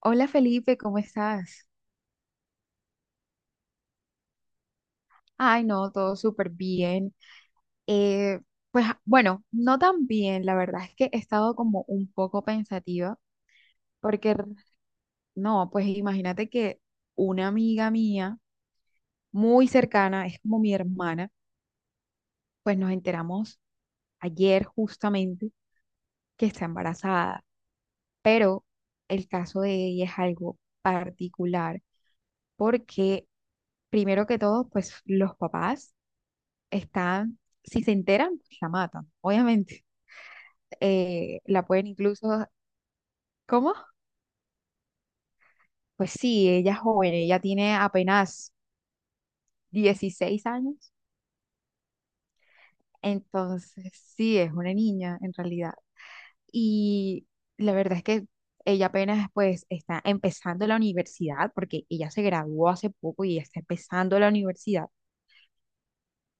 Hola Felipe, ¿cómo estás? Ay, no, todo súper bien. Eh, pues bueno, no tan bien, la verdad es que he estado como un poco pensativa, porque no, pues imagínate que una amiga mía muy cercana, es como mi hermana, pues nos enteramos ayer justamente que está embarazada. El caso de ella es algo particular porque, primero que todo, pues los papás están, si se enteran, pues la matan, obviamente. La pueden incluso, ¿cómo? Pues sí, ella es joven, ella tiene apenas 16 años, entonces sí, es una niña en realidad. Y la verdad es que ella apenas pues está empezando la universidad, porque ella se graduó hace poco y está empezando la universidad.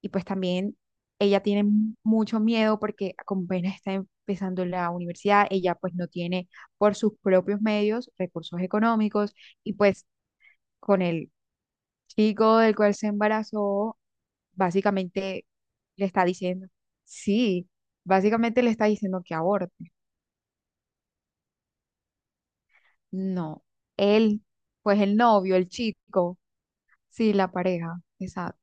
Y pues también ella tiene mucho miedo porque como apenas está empezando la universidad, ella pues no tiene por sus propios medios recursos económicos y pues con el chico del cual se embarazó, básicamente le está diciendo, sí, básicamente le está diciendo que aborte. No, él, pues el novio, el chico, sí, la pareja, exacto.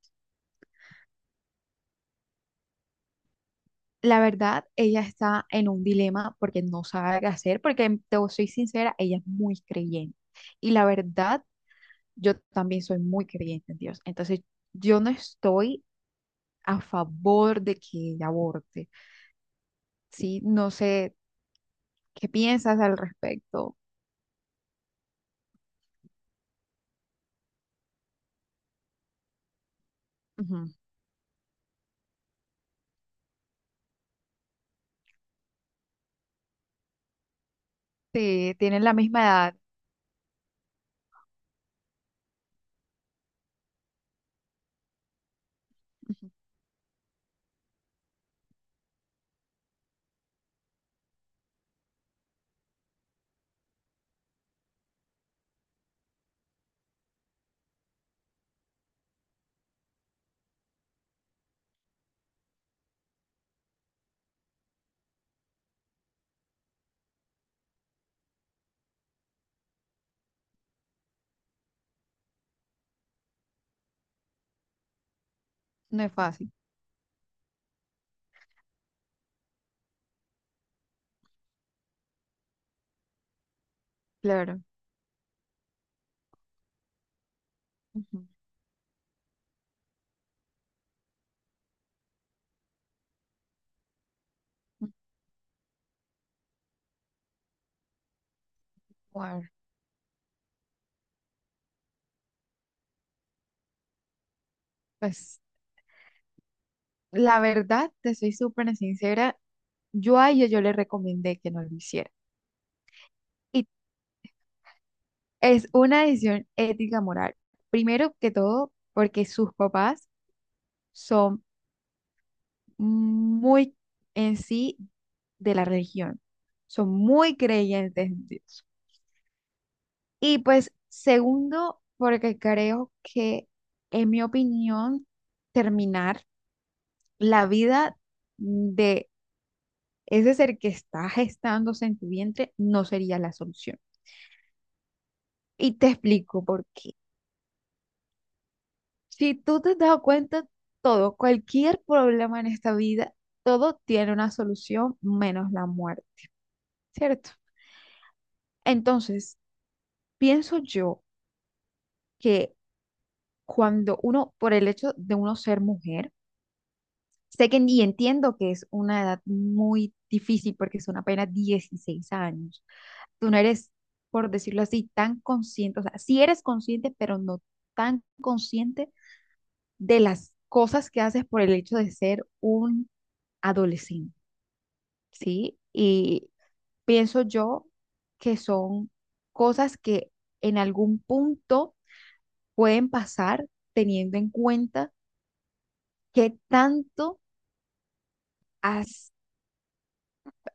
La verdad, ella está en un dilema porque no sabe qué hacer, porque te soy sincera, ella es muy creyente. Y la verdad, yo también soy muy creyente en Dios. Entonces, yo no estoy a favor de que ella aborte. Sí, no sé, ¿qué piensas al respecto? Ujú. Sí, tienen la misma edad. Ujú. No es fácil, claro. Ujú. Bueno, pues la verdad, te soy súper sincera, yo a ella yo le recomendé que no lo hiciera. Y es una decisión ética moral. Primero que todo, porque sus papás son muy en sí de la religión. Son muy creyentes en Dios. Y pues segundo, porque creo que, en mi opinión, terminar la vida de ese ser que está gestándose en tu vientre no sería la solución. Y te explico por qué. Si tú te has dado cuenta, todo, cualquier problema en esta vida, todo tiene una solución menos la muerte, ¿cierto? Entonces, pienso yo que cuando uno, por el hecho de uno ser mujer, sé que y entiendo que es una edad muy difícil porque son apenas 16 años. Tú no eres, por decirlo así, tan consciente, o sea, sí eres consciente, pero no tan consciente de las cosas que haces por el hecho de ser un adolescente, ¿sí? Y pienso yo que son cosas que en algún punto pueden pasar teniendo en cuenta, ¿qué tanto has,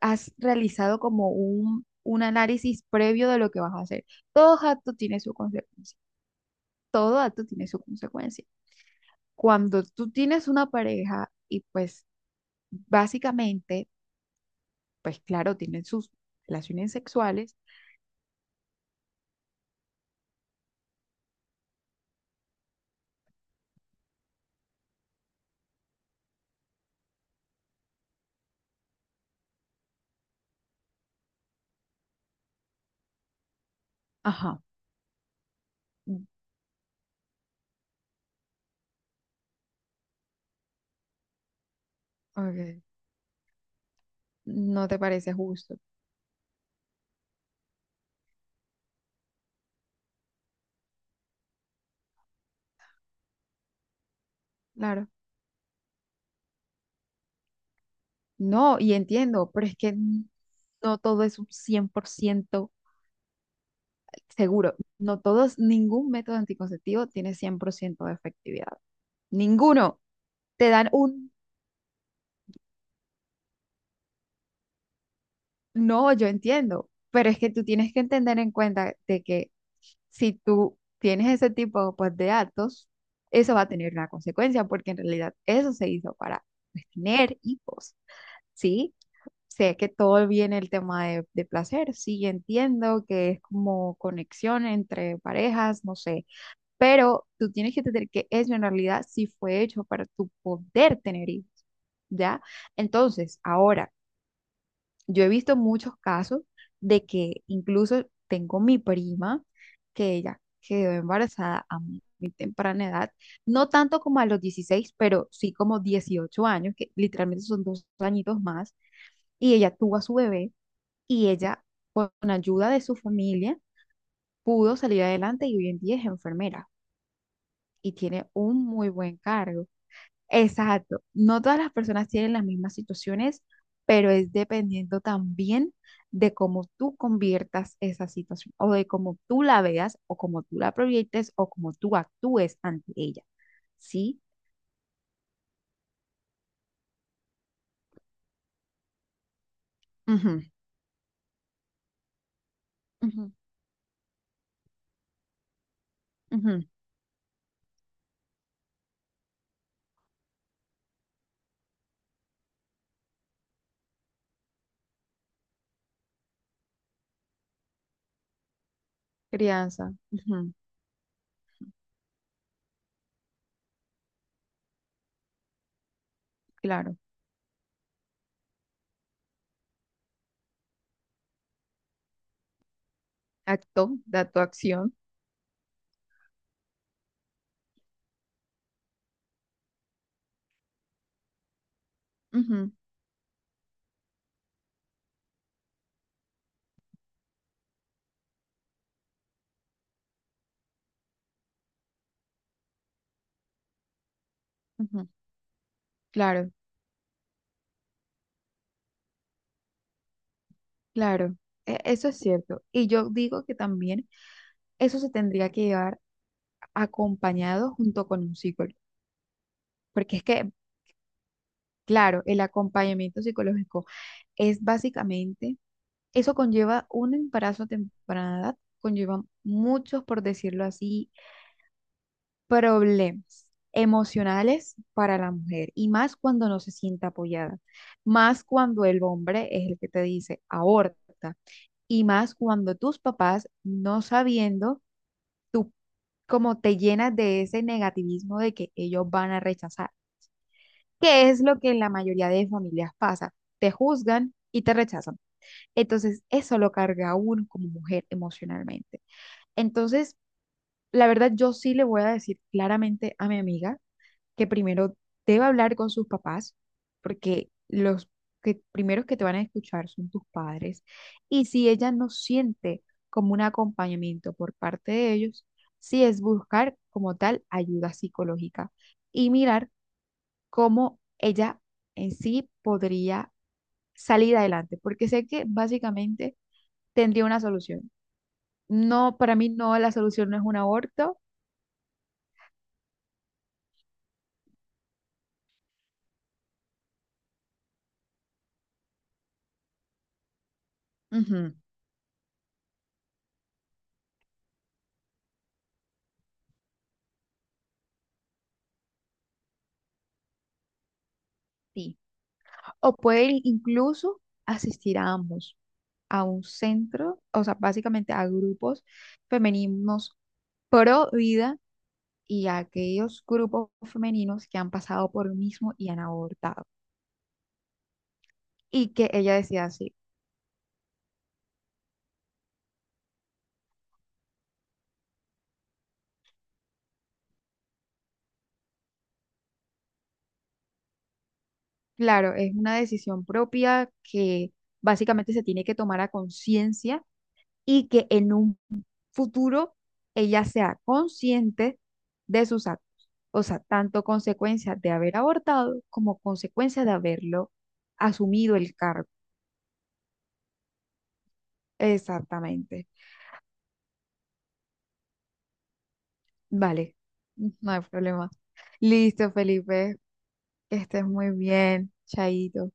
has realizado como un análisis previo de lo que vas a hacer? Todo acto tiene su consecuencia. Todo acto tiene su consecuencia. Cuando tú tienes una pareja y pues básicamente, pues claro, tienen sus relaciones sexuales, ajá. Mm. Ok, no te parece justo, claro. No, y entiendo, pero es que no todo es un 100% seguro, no todos, ningún método anticonceptivo tiene 100% de efectividad. Ninguno. Te dan un No, yo entiendo, pero es que tú tienes que entender en cuenta de que si tú tienes ese tipo pues, de actos, eso va a tener una consecuencia, porque en realidad eso se hizo para pues, tener hijos, ¿sí? Sé que todo viene el tema de, placer, sí, entiendo que es como conexión entre parejas, no sé, pero tú tienes que entender que eso en realidad sí fue hecho para tu poder tener hijos, ¿ya? Entonces, ahora, yo he visto muchos casos de que incluso tengo mi prima que ella quedó embarazada a muy, muy temprana edad, no tanto como a los 16, pero sí como 18 años, que literalmente son 2 añitos más, y ella tuvo a su bebé y ella, con ayuda de su familia, pudo salir adelante y hoy en día es enfermera y tiene un muy buen cargo. Exacto, no todas las personas tienen las mismas situaciones, pero es dependiendo también de cómo tú conviertas esa situación o de cómo tú la veas o cómo tú la proyectes o cómo tú actúes ante ella. ¿Sí? Ujú, ujú, ujú. Crianza, ujú, claro. Acto, da tu acción. Ujú, ujú. Claro, claro. E- eso es cierto. Y yo digo que también eso se tendría que llevar acompañado junto con un psicólogo. Porque es que claro, el acompañamiento psicológico es básicamente, eso conlleva un embarazo a temprana edad, conlleva muchos, por decirlo así, problemas emocionales para la mujer y más cuando no se siente apoyada, más cuando el hombre es el que te dice aborta y más cuando tus papás no sabiendo, tú como te llenas de ese negativismo de que ellos van a rechazar, que es lo que en la mayoría de familias pasa, te juzgan y te rechazan. Entonces, eso lo carga a uno como mujer emocionalmente. Entonces, la verdad, yo sí le voy a decir claramente a mi amiga que primero debe hablar con sus papás, porque los que primeros que te van a escuchar son tus padres. Y si ella no siente como un acompañamiento por parte de ellos, sí es buscar como tal ayuda psicológica y mirar cómo ella en sí podría salir adelante, porque sé que básicamente tendría una solución. No, para mí no, la solución no es un aborto. Ujú. Sí. O puede ir incluso asistir a ambos, a un centro, o sea, básicamente a grupos femeninos pro vida y a aquellos grupos femeninos que han pasado por lo mismo y han abortado. Y que ella decía así. Claro, es una decisión propia que básicamente se tiene que tomar a conciencia y que en un futuro ella sea consciente de sus actos. O sea, tanto consecuencias de haber abortado como consecuencias de haberlo asumido el cargo. Exactamente. Vale, no hay problema. Listo, Felipe, que estés muy bien. Chaito.